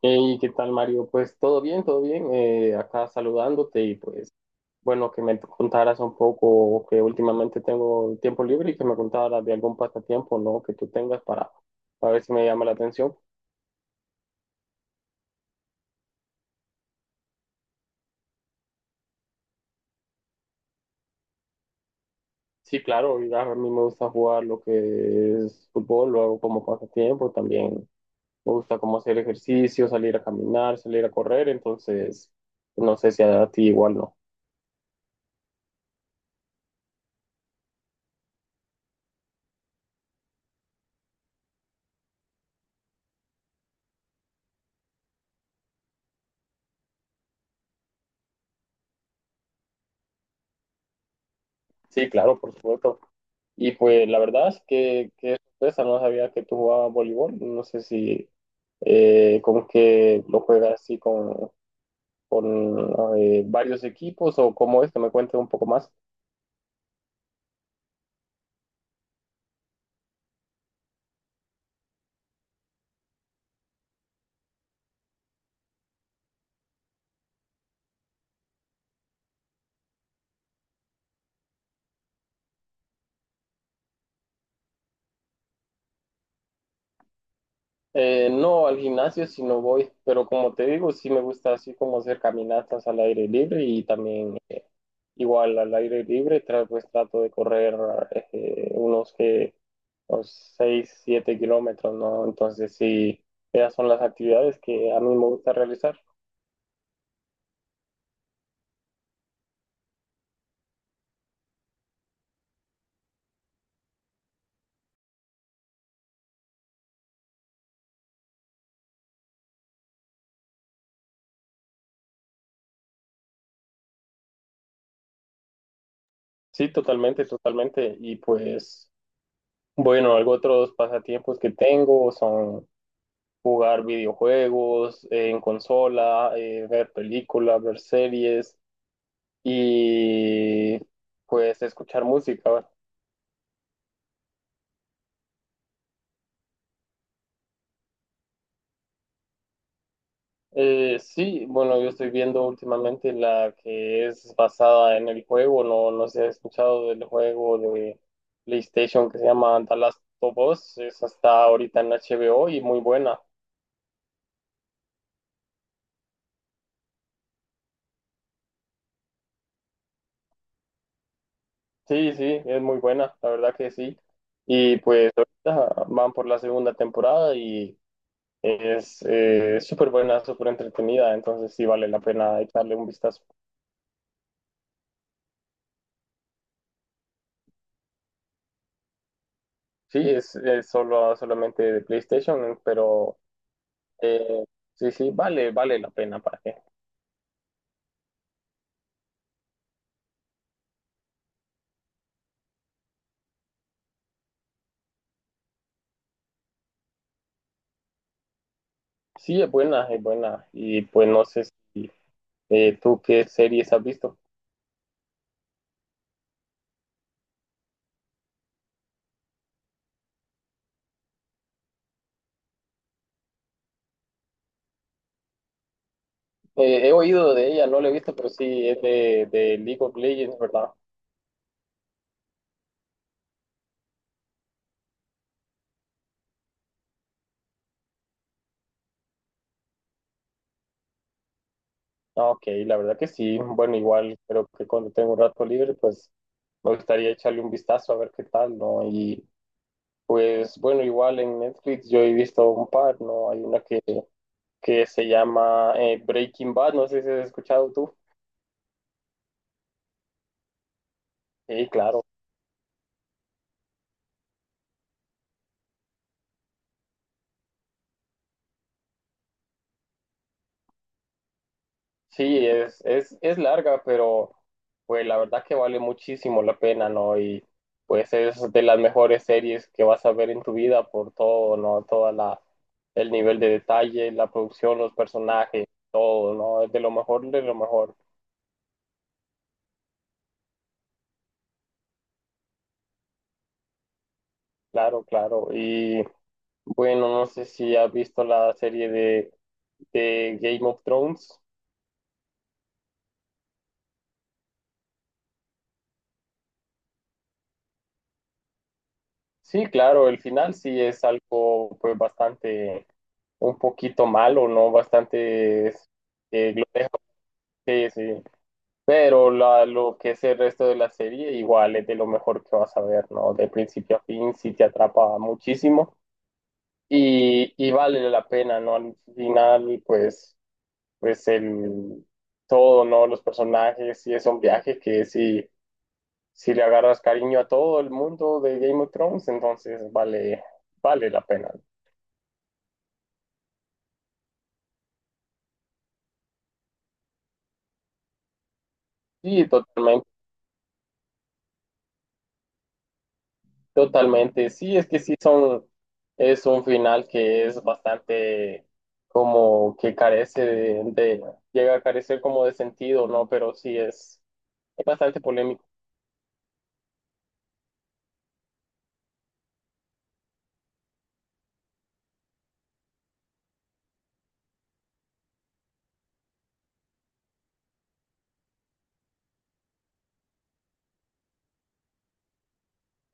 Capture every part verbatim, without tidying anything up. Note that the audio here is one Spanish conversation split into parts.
Hey, ¿qué tal, Mario? Pues todo bien, todo bien. Eh, acá saludándote y pues bueno, que me contaras un poco que últimamente tengo tiempo libre y que me contaras de algún pasatiempo, ¿no? Que tú tengas para, para ver si me llama la atención. Sí, claro, y a mí me gusta jugar lo que es fútbol, lo hago como pasatiempo también. Me gusta como hacer ejercicio, salir a caminar, salir a correr, entonces no sé si a ti igual no. Sí, claro, por supuesto. Y pues la verdad es que, que sorpresa, no sabía que tú jugabas voleibol, no sé si eh, como que lo juegas así con, con eh, varios equipos o cómo es, que me cuentes un poco más. Eh, no al gimnasio si no voy, pero como te digo, sí me gusta así como hacer caminatas al aire libre y también eh, igual al aire libre, tra- pues trato de correr eh, unos que unos seis siete kilómetros, ¿no? Entonces sí, esas son las actividades que a mí me gusta realizar. Sí, totalmente, totalmente. Y pues, bueno, algo otros pasatiempos que tengo son jugar videojuegos eh, en consola, eh, ver películas, ver series y pues escuchar música. Eh, sí, bueno, yo estoy viendo últimamente la que es basada en el juego, no, no sé si has escuchado del juego de PlayStation que se llama The Last of Us, esa está ahorita en H B O y muy buena. Sí, sí, es muy buena, la verdad que sí. Y pues ahorita van por la segunda temporada y es eh, súper buena, súper entretenida, entonces sí vale la pena echarle un vistazo. Sí, es, es solo, solamente de PlayStation, pero eh, sí, sí, vale, vale la pena para qué. Sí, es buena, es buena. Y pues no sé si eh, tú qué series has visto. Eh, he oído de ella, no la he visto, pero sí es de, de League of Legends, ¿verdad? Ah, Ok, la verdad que sí. Bueno, igual creo que cuando tengo un rato libre, pues me gustaría echarle un vistazo a ver qué tal, ¿no? Y pues bueno, igual en Netflix yo he visto un par, ¿no? Hay una que, que se llama eh, Breaking Bad, no sé si has escuchado tú. Sí, claro. Sí, es, es, es larga, pero pues la verdad que vale muchísimo la pena, ¿no? Y pues es de las mejores series que vas a ver en tu vida por todo, ¿no? Toda la, el nivel de detalle, la producción, los personajes, todo, ¿no? Es de lo mejor, de lo mejor. Claro, claro. Y bueno, no sé si has visto la serie de, de Game of Thrones. Sí, claro, el final sí es algo pues bastante un poquito malo, ¿no? Bastante eh, glorioso, sí, sí. Pero la- lo que es el resto de la serie, igual es de lo mejor que vas a ver, ¿no? De principio a fin, sí te atrapa muchísimo y, y vale la pena, ¿no? Al final, pues, pues el todo, ¿no? Los personajes, sí es un viaje que sí, si le agarras cariño a todo el mundo de Game of Thrones, entonces vale, vale la pena. Sí, totalmente. Totalmente, sí, es que sí son, es un final que es bastante como que carece de, de- llega a carecer como de sentido, ¿no? Pero sí es, es bastante polémico.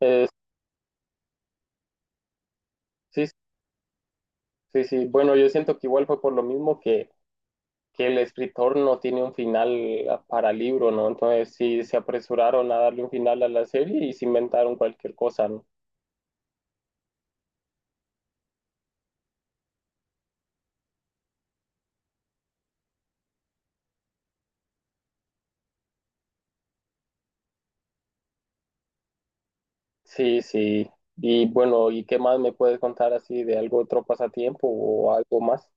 Es- sí, sí, sí. Bueno, yo siento que igual fue por lo mismo que, que el escritor no tiene un final para libro, ¿no? Entonces sí se apresuraron a darle un final a la serie y se inventaron cualquier cosa, ¿no? Sí, sí. Y bueno, ¿y qué más me puedes contar así de algo otro pasatiempo o algo más?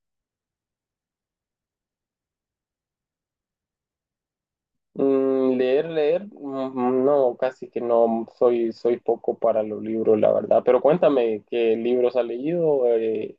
Mm, leer, leer, mm, no, casi que no, soy, soy poco para los libros, la verdad. Pero cuéntame, ¿qué libros has leído? Eh,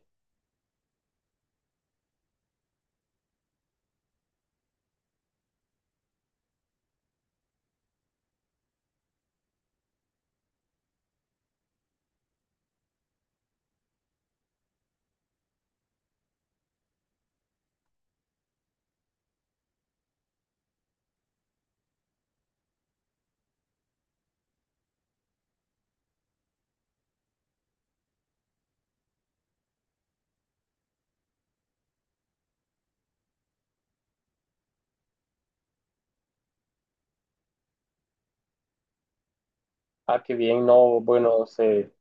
ah, qué bien, no, bueno, sé,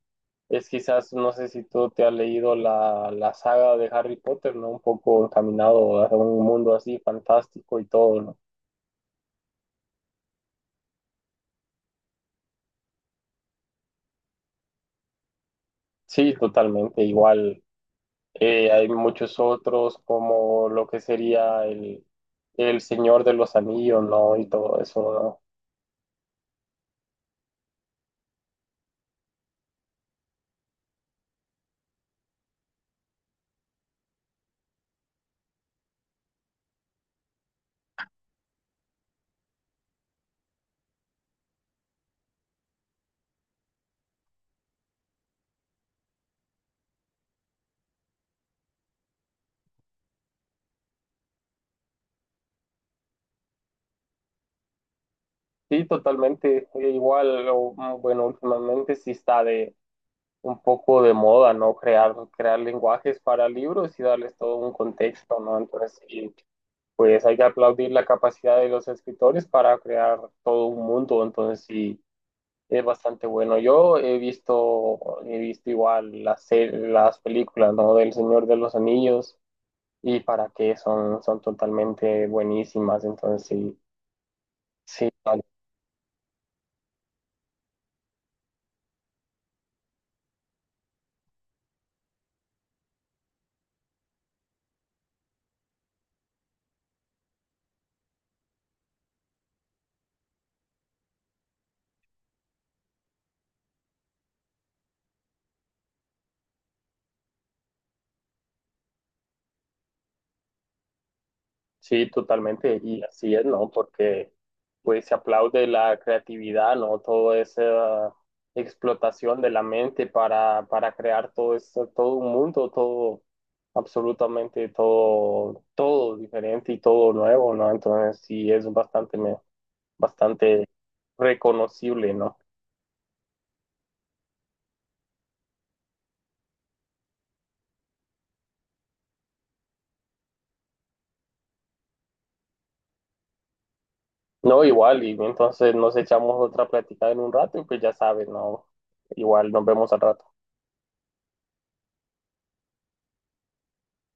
es quizás, no sé si tú te has leído la, la saga de Harry Potter, ¿no? Un poco encaminado a un mundo así fantástico y todo, ¿no? Sí, totalmente, igual. Eh, hay muchos otros como lo que sería el, el Señor de los Anillos, ¿no? Y todo eso, ¿no? Sí, totalmente. Eh, Igual, o, mm, bueno, últimamente sí está de un poco de moda, ¿no? Crear, crear lenguajes para libros y darles todo un contexto, ¿no? Entonces, sí, pues hay que aplaudir la capacidad de los escritores para crear todo un mundo, entonces sí, es bastante bueno. Yo he visto, he visto igual las, se- las películas, ¿no? Del Señor de los Anillos y para qué son, son totalmente buenísimas, entonces sí. Sí, Sí, totalmente, y así es, ¿no? Porque pues se aplaude la creatividad, ¿no? Toda esa explotación de la mente para, para crear todo esto, todo un mundo, todo, absolutamente todo, todo diferente y todo nuevo, ¿no? Entonces sí es bastante, me- bastante reconocible, ¿no? No, igual, y entonces nos echamos otra plática en un rato y pues ya sabes, ¿no? Igual nos vemos al rato.